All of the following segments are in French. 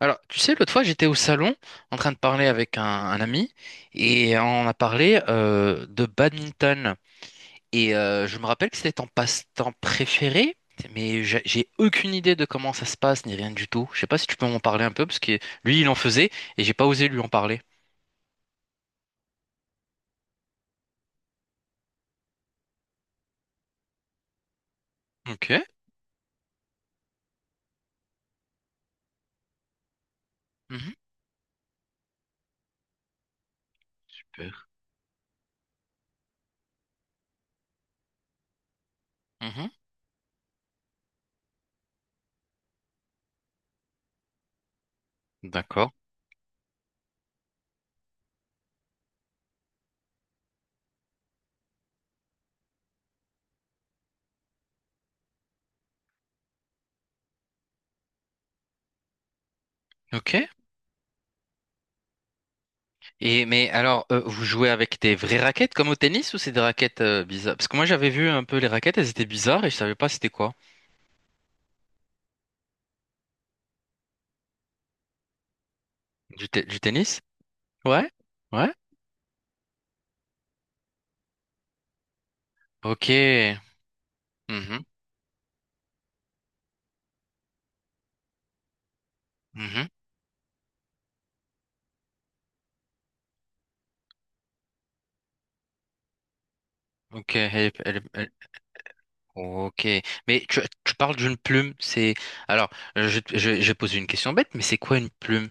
Alors, tu sais, l'autre fois, j'étais au salon en train de parler avec un ami et on a parlé de badminton. Et je me rappelle que c'était ton passe-temps préféré, mais j'ai aucune idée de comment ça se passe ni rien du tout. Je sais pas si tu peux m'en parler un peu parce que lui, il en faisait et j'ai pas osé lui en parler. Ok. Mhm. Super. Mhm. D'accord. Ok. Et mais alors, vous jouez avec des vraies raquettes comme au tennis, ou c'est des raquettes bizarres? Parce que moi, j'avais vu un peu les raquettes, elles étaient bizarres et je savais pas c'était quoi. Du tennis? Ouais, ouais. Ok. Mhm, mhm. Ok, ok. Mais tu parles d'une plume, c'est... Alors, je pose une question bête, mais c'est quoi une plume?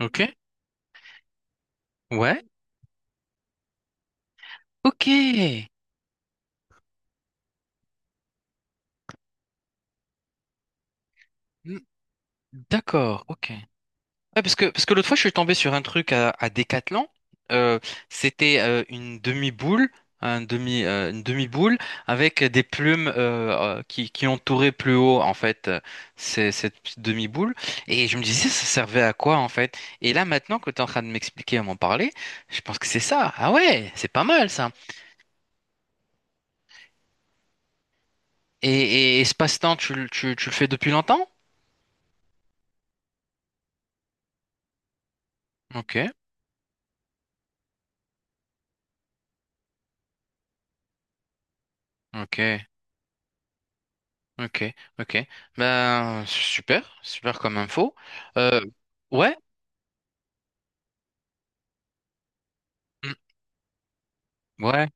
Ok, ouais, ok. Mm. D'accord, ok. Ouais, parce que l'autre fois, je suis tombé sur un truc à Decathlon. Euh, C'était une demi-boule, une demi-boule avec des plumes qui entouraient plus haut, en fait, cette petite demi-boule. Et je me disais, ça servait à quoi, en fait? Et là, maintenant que tu es en train de m'expliquer et m'en parler, je pense que c'est ça. Ah ouais, c'est pas mal, ça. Et ce passe-temps, tu le fais depuis longtemps? Ok, ok, ok, ok. Ben, super, super comme info. Euh, Ouais. Mm. Ouais.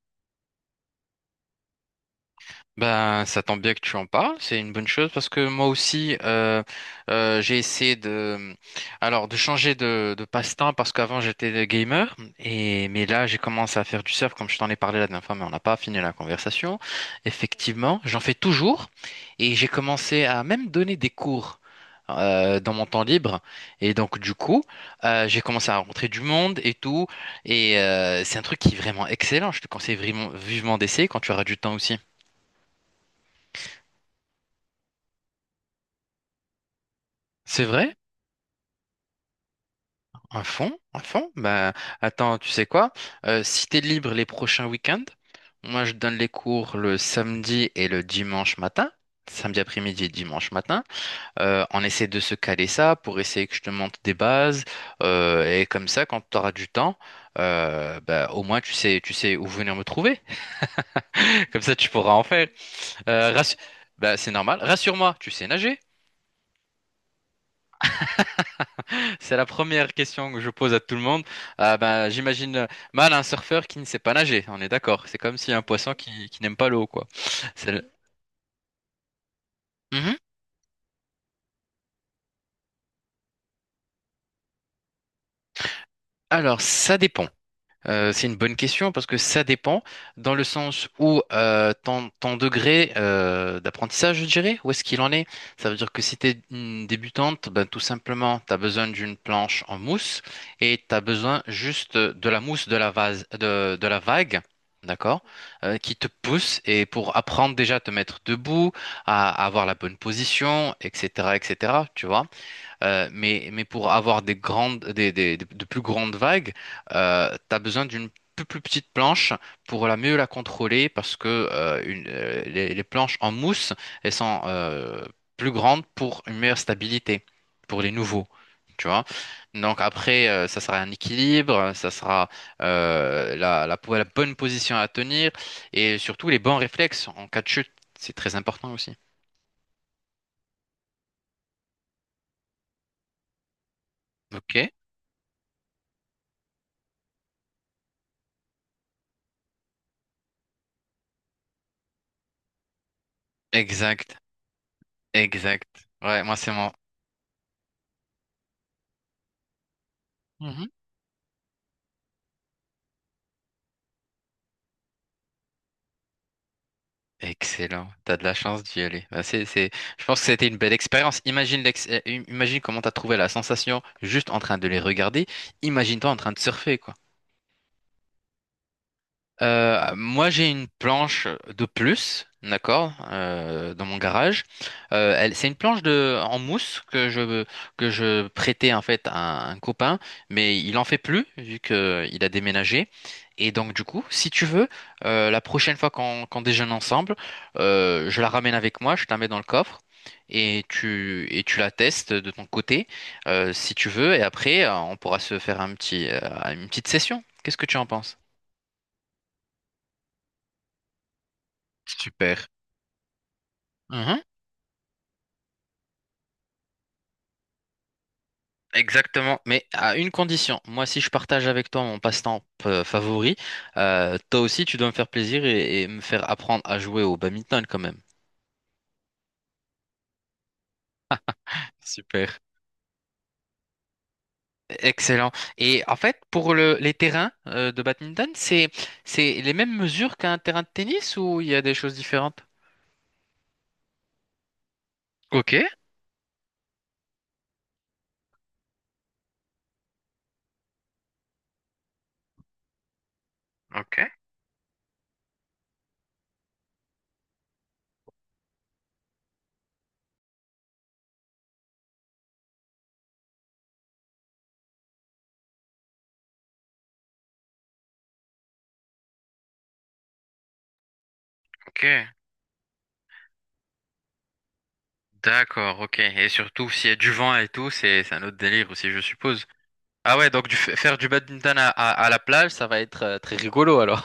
Ben, ça tombe bien que tu en parles, c'est une bonne chose parce que moi aussi, j'ai essayé de, alors, de changer de passe-temps parce qu'avant j'étais gamer et mais là j'ai commencé à faire du surf comme je t'en ai parlé la dernière fois, mais on n'a pas fini la conversation. Effectivement, j'en fais toujours et j'ai commencé à même donner des cours dans mon temps libre, et donc du coup, j'ai commencé à rencontrer du monde et tout, et c'est un truc qui est vraiment excellent. Je te conseille vraiment vivement d'essayer quand tu auras du temps aussi. C'est vrai? Un fond, un fond. Bah, attends, tu sais quoi? Si t'es libre les prochains week-ends, moi je donne les cours le samedi et le dimanche matin, samedi après-midi et dimanche matin. On essaie de se caler ça pour essayer que je te montre des bases, et comme ça, quand tu auras du temps, bah, au moins tu sais où venir me trouver. Comme ça, tu pourras en faire. Euh, rassu- Bah, c'est normal. Rassure-moi, tu sais nager. C'est la première question que je pose à tout le monde. Ah ben, j'imagine mal un surfeur qui ne sait pas nager. On est d'accord. C'est comme si un poisson qui n'aime pas l'eau, quoi. C'est le- Mhm. Alors, ça dépend. C'est une bonne question parce que ça dépend dans le sens où ton degré d'apprentissage, je dirais, où est-ce qu'il en est? Ça veut dire que si tu es une débutante, ben, tout simplement, tu as besoin d'une planche en mousse, et tu as besoin juste de la mousse de la vase, de la vague. D'accord? Qui te pousse et pour apprendre déjà à te mettre debout, à avoir la bonne position, etc., etc., tu vois? Mais pour avoir des grandes, de plus grandes vagues, tu as besoin d'une plus petite planche pour la mieux la contrôler parce que les planches en mousse, elles sont plus grandes pour une meilleure stabilité pour les nouveaux. Tu vois? Donc après, ça sera un équilibre, ça sera la bonne position à tenir, et surtout les bons réflexes en cas de chute. C'est très important aussi. Ok, exact, exact. Ouais, moi c'est mon... Mhm. Excellent, t'as de la chance d'y aller. Bah, c'est... Je pense que c'était une belle expérience. Imagine comment t'as trouvé la sensation juste en train de les regarder. Imagine-toi en train de surfer, quoi. Moi, j'ai une planche de plus, d'accord, dans mon garage. Elle, c'est une planche de en mousse que je prêtais en fait à un copain, mais il en fait plus vu que il a déménagé. Et donc du coup, si tu veux, la prochaine fois qu'on déjeune ensemble, je la ramène avec moi, je te la mets dans le coffre. Et tu la testes de ton côté, si tu veux, et après, on pourra se faire une petite session. Qu'est-ce que tu en penses? Super. Mhm. Exactement, mais à une condition. Moi, si je partage avec toi mon passe-temps favori, toi aussi, tu dois me faire plaisir et me faire apprendre à jouer au badminton quand même. Super. Excellent. Et en fait, pour les terrains de badminton, c'est les mêmes mesures qu'un terrain de tennis, ou il y a des choses différentes? Ok, ok, ok. D'accord, ok. Et surtout, s'il y a du vent et tout, c'est un autre délire aussi, je suppose. Ah ouais, donc faire du badminton à la plage, ça va être très rigolo alors.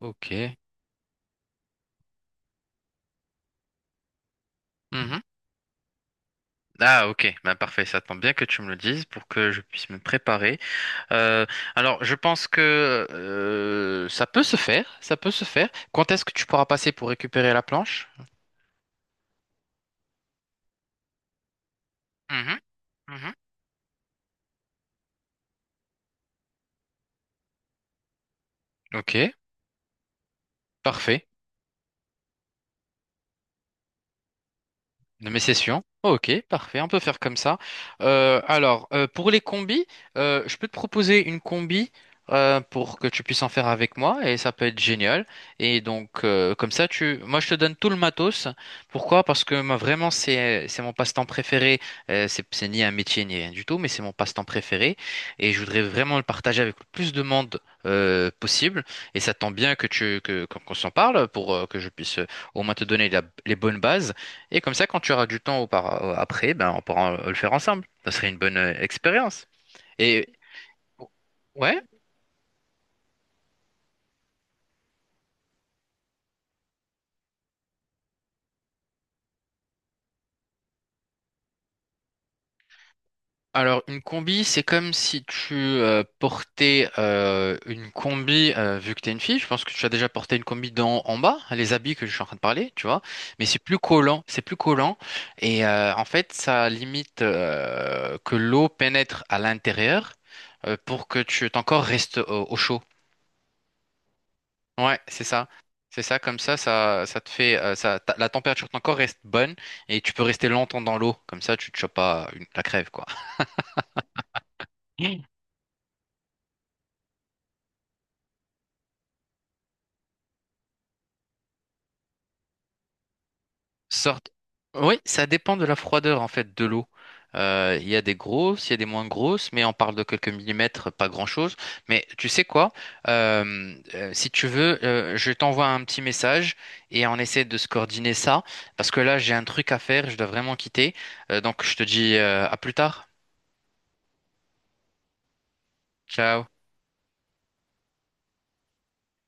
Ok. Mhm. Ah, ok. Bah, parfait. Ça tombe bien que tu me le dises pour que je puisse me préparer. Euh, alors, je pense que ça peut se faire. Ça peut se faire. Quand est-ce que tu pourras passer pour récupérer la planche? Mhm. Mhm. Ok. Parfait. De mes sessions. Ok, parfait, on peut faire comme ça. Alors, pour les combis, je peux te proposer une combi pour que tu puisses en faire avec moi, et ça peut être génial. Et donc, comme ça, tu... moi, je te donne tout le matos. Pourquoi? Parce que moi, vraiment, c'est mon passe-temps préféré. C'est ni un métier ni rien du tout, mais c'est mon passe-temps préféré, et je voudrais vraiment le partager avec le plus de monde possible. Et ça tombe bien que qu'on s'en parle pour que je puisse au moins te donner les bonnes bases. Et comme ça, quand tu auras du temps après, ben, on pourra le faire ensemble. Ça serait une bonne expérience. Et ouais, alors une combi, c'est comme si tu portais une combi, vu que tu es une fille, je pense que tu as déjà porté une combi d'en en bas, les habits que je suis en train de parler, tu vois. Mais c'est plus collant, c'est plus collant. Et en fait, ça limite que l'eau pénètre à l'intérieur, pour que ton corps reste au chaud. Ouais, c'est ça. C'est ça, comme ça, ça te fait, la température de ton corps reste bonne, et tu peux rester longtemps dans l'eau. Comme ça, tu te chopes pas la crève, quoi. Mm. Sorte. Oui, ça dépend de la froideur, en fait, de l'eau. Il y a des grosses, il y a des moins grosses, mais on parle de quelques millimètres, pas grand-chose. Mais tu sais quoi? Si tu veux, je t'envoie un petit message, et on essaie de se coordonner ça, parce que là, j'ai un truc à faire, je dois vraiment quitter. Donc, je te dis, à plus tard. Ciao.